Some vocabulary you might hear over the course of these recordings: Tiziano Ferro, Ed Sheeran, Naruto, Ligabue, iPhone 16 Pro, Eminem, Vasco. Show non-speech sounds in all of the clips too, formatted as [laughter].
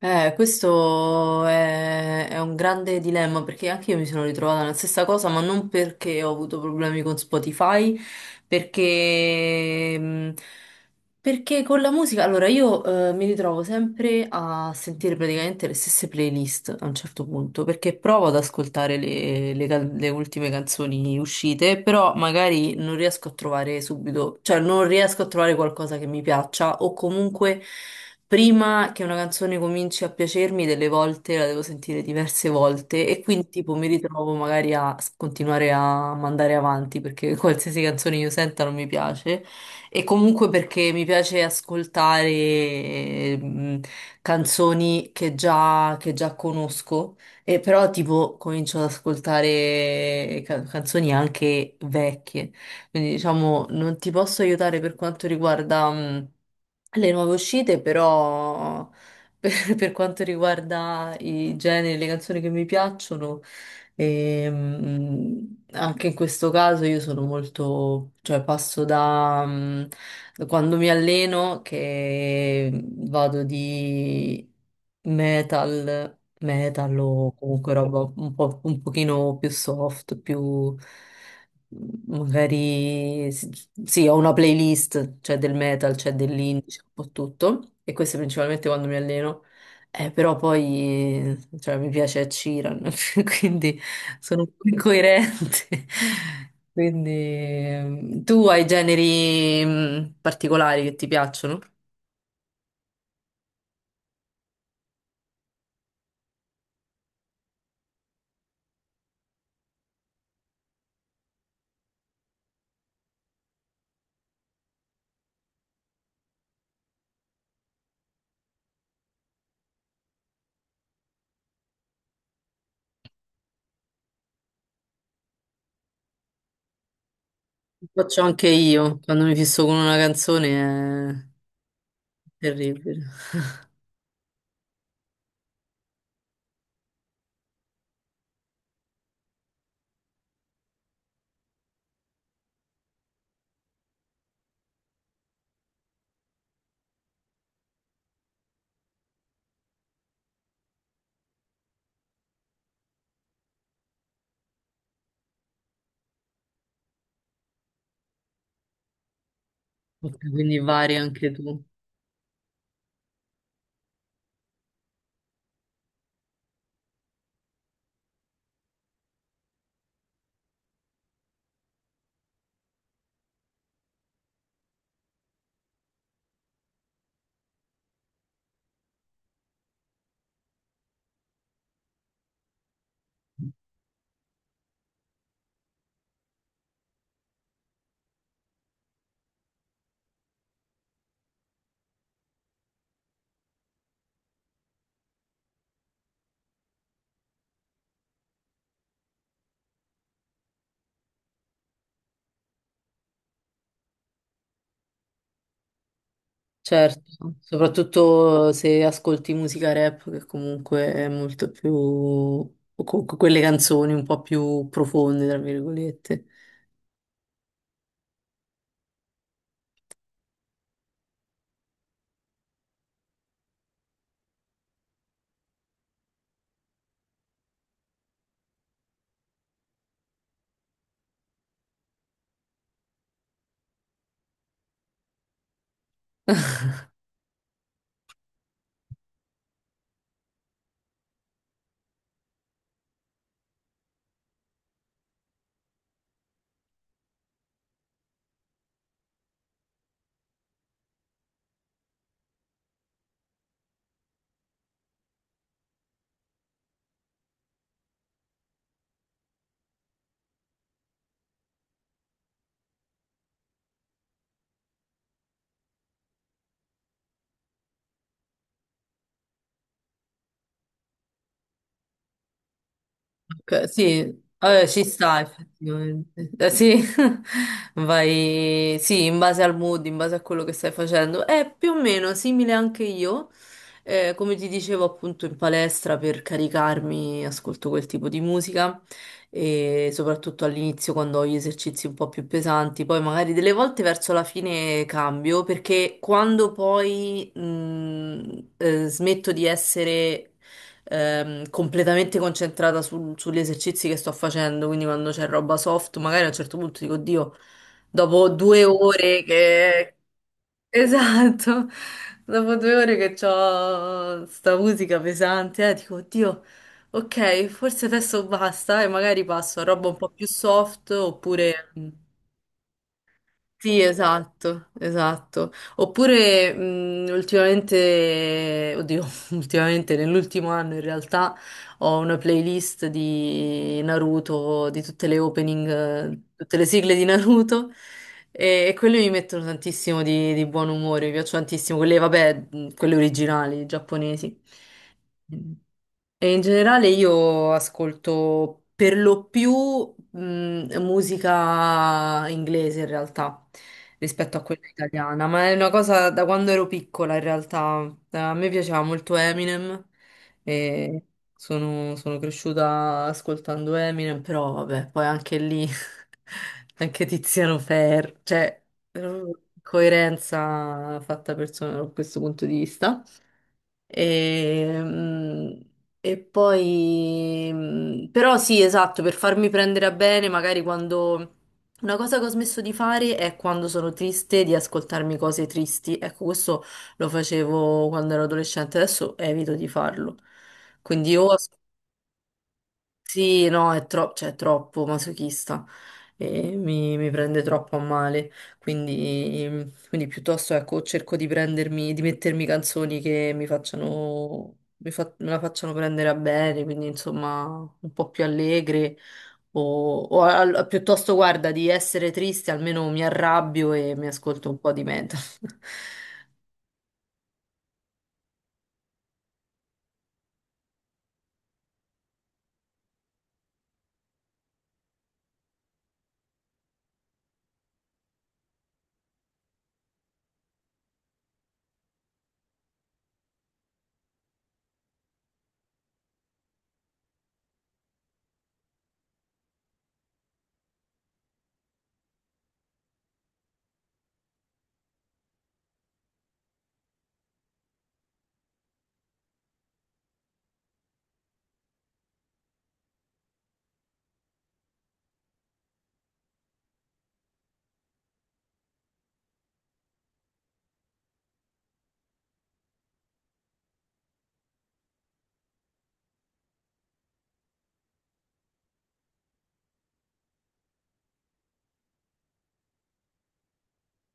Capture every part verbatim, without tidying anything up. Eh, questo è, è un grande dilemma perché anche io mi sono ritrovata nella stessa cosa, ma non perché ho avuto problemi con Spotify, perché, mh, perché con la musica, allora io eh, mi ritrovo sempre a sentire praticamente le stesse playlist a un certo punto, perché provo ad ascoltare le, le can- le ultime canzoni uscite, però magari non riesco a trovare subito, cioè non riesco a trovare qualcosa che mi piaccia o comunque... Prima che una canzone cominci a piacermi, delle volte la devo sentire diverse volte e quindi tipo mi ritrovo magari a s- continuare a mandare avanti perché [laughs] qualsiasi canzone io senta non mi piace e comunque perché mi piace ascoltare ehm, canzoni che già, che già conosco e però tipo comincio ad ascoltare ca- canzoni anche vecchie. Quindi diciamo non ti posso aiutare per quanto riguarda... mhmm, le nuove uscite, però [laughs] per, per quanto riguarda i generi, le canzoni che mi piacciono, e, mh, anche in questo caso io sono molto, cioè passo da, mh, da quando mi alleno che vado di metal, metal o comunque roba un po', un pochino più soft, più mh, magari sì, sì, ho una playlist, c'è del metal, c'è dell'indie, c'è un po' tutto. E questo è principalmente quando mi alleno. Eh, però poi, cioè, mi piace Ed Sheeran, [laughs] quindi sono un po' incoerente. [laughs] Quindi, ehm, tu hai generi mh, particolari che ti piacciono? Faccio anche io, quando mi fisso con una canzone è terribile. [laughs] Ok, quindi vari anche tu. Certo, soprattutto se ascolti musica rap, che comunque è molto più... o comunque quelle canzoni un po' più profonde, tra virgolette. Ok, sì, eh, ci sta effettivamente. Eh, sì, [laughs] vai, sì, in base al mood, in base a quello che stai facendo. È più o meno simile anche io. Eh, come ti dicevo appunto in palestra per caricarmi, ascolto quel tipo di musica e soprattutto all'inizio quando ho gli esercizi un po' più pesanti, poi magari delle volte verso la fine cambio perché quando poi mh, eh, smetto di essere ehm, completamente concentrata sul- sugli esercizi che sto facendo, quindi quando c'è roba soft, magari a un certo punto dico, Dio, dopo due ore che... [laughs] Esatto, dopo due ore che ho sta musica pesante, eh, dico, Oddio, ok, forse adesso basta e magari passo a roba un po' più soft oppure... Sì, esatto, esatto. Oppure mh, ultimamente, oddio, [laughs] ultimamente nell'ultimo anno in realtà ho una playlist di Naruto, di tutte le opening, eh, tutte le sigle di Naruto e, e quelle mi mettono tantissimo di, di buon umore, mi piacciono tantissimo, quelle, vabbè, mh, quelle originali, giapponesi. E in generale io ascolto per lo più mh, musica inglese in realtà rispetto a quella italiana, ma è una cosa da quando ero piccola in realtà. Eh, A me piaceva molto Eminem e sono, sono cresciuta ascoltando Eminem, però vabbè, poi anche lì [laughs] anche Tiziano Ferro, cioè, eh, coerenza fatta persona da questo punto di vista. E, mm, e poi, mm, però sì, esatto, per farmi prendere a bene, magari quando... Una cosa che ho smesso di fare è quando sono triste di ascoltarmi cose tristi. Ecco, questo lo facevo quando ero adolescente, adesso evito di farlo. Quindi o ascolto sì, no, è, tro- cioè, è troppo masochista e mi, mi prende troppo a male. Quindi, mm, quindi piuttosto ecco, cerco di prendermi, di mettermi canzoni che mi facciano, mi fa- me la facciano prendere a bene, quindi insomma un po' più allegre. O, o al- piuttosto, guarda, di essere triste, almeno mi arrabbio e mi ascolto un po' di metal. [laughs]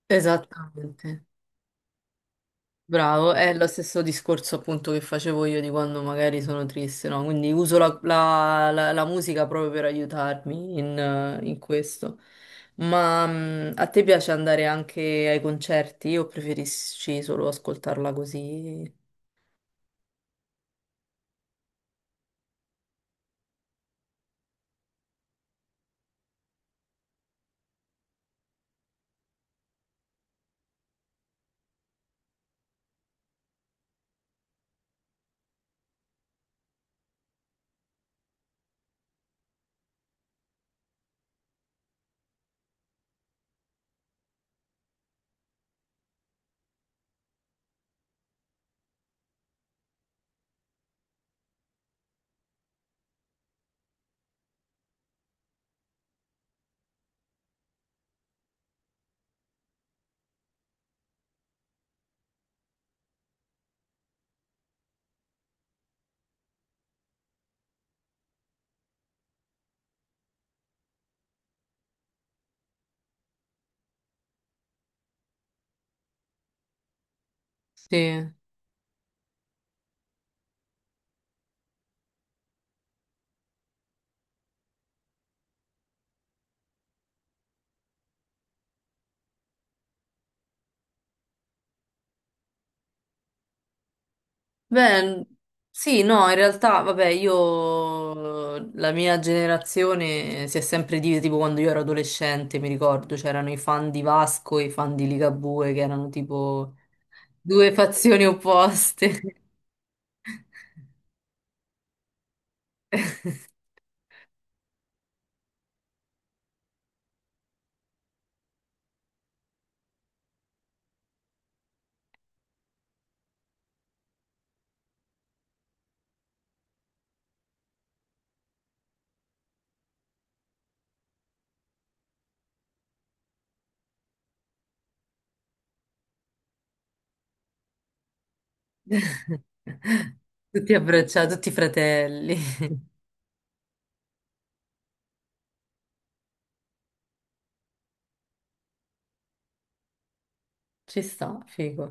Esattamente. Bravo, è lo stesso discorso appunto che facevo io di quando magari sono triste, no? Quindi uso la, la- la- la musica proprio per aiutarmi in, eh, in questo. Ma mm, a te piace andare anche ai concerti o preferisci solo ascoltarla così? Sì. Beh, sì, no, in realtà, vabbè, io, la mia generazione si è sempre divisa, tipo quando io ero adolescente, mi ricordo, c'erano i fan di Vasco e i fan di Ligabue, che erano tipo due fazioni opposte, [laughs] tutti abbracciati, tutti fratelli. Ci sta, figo.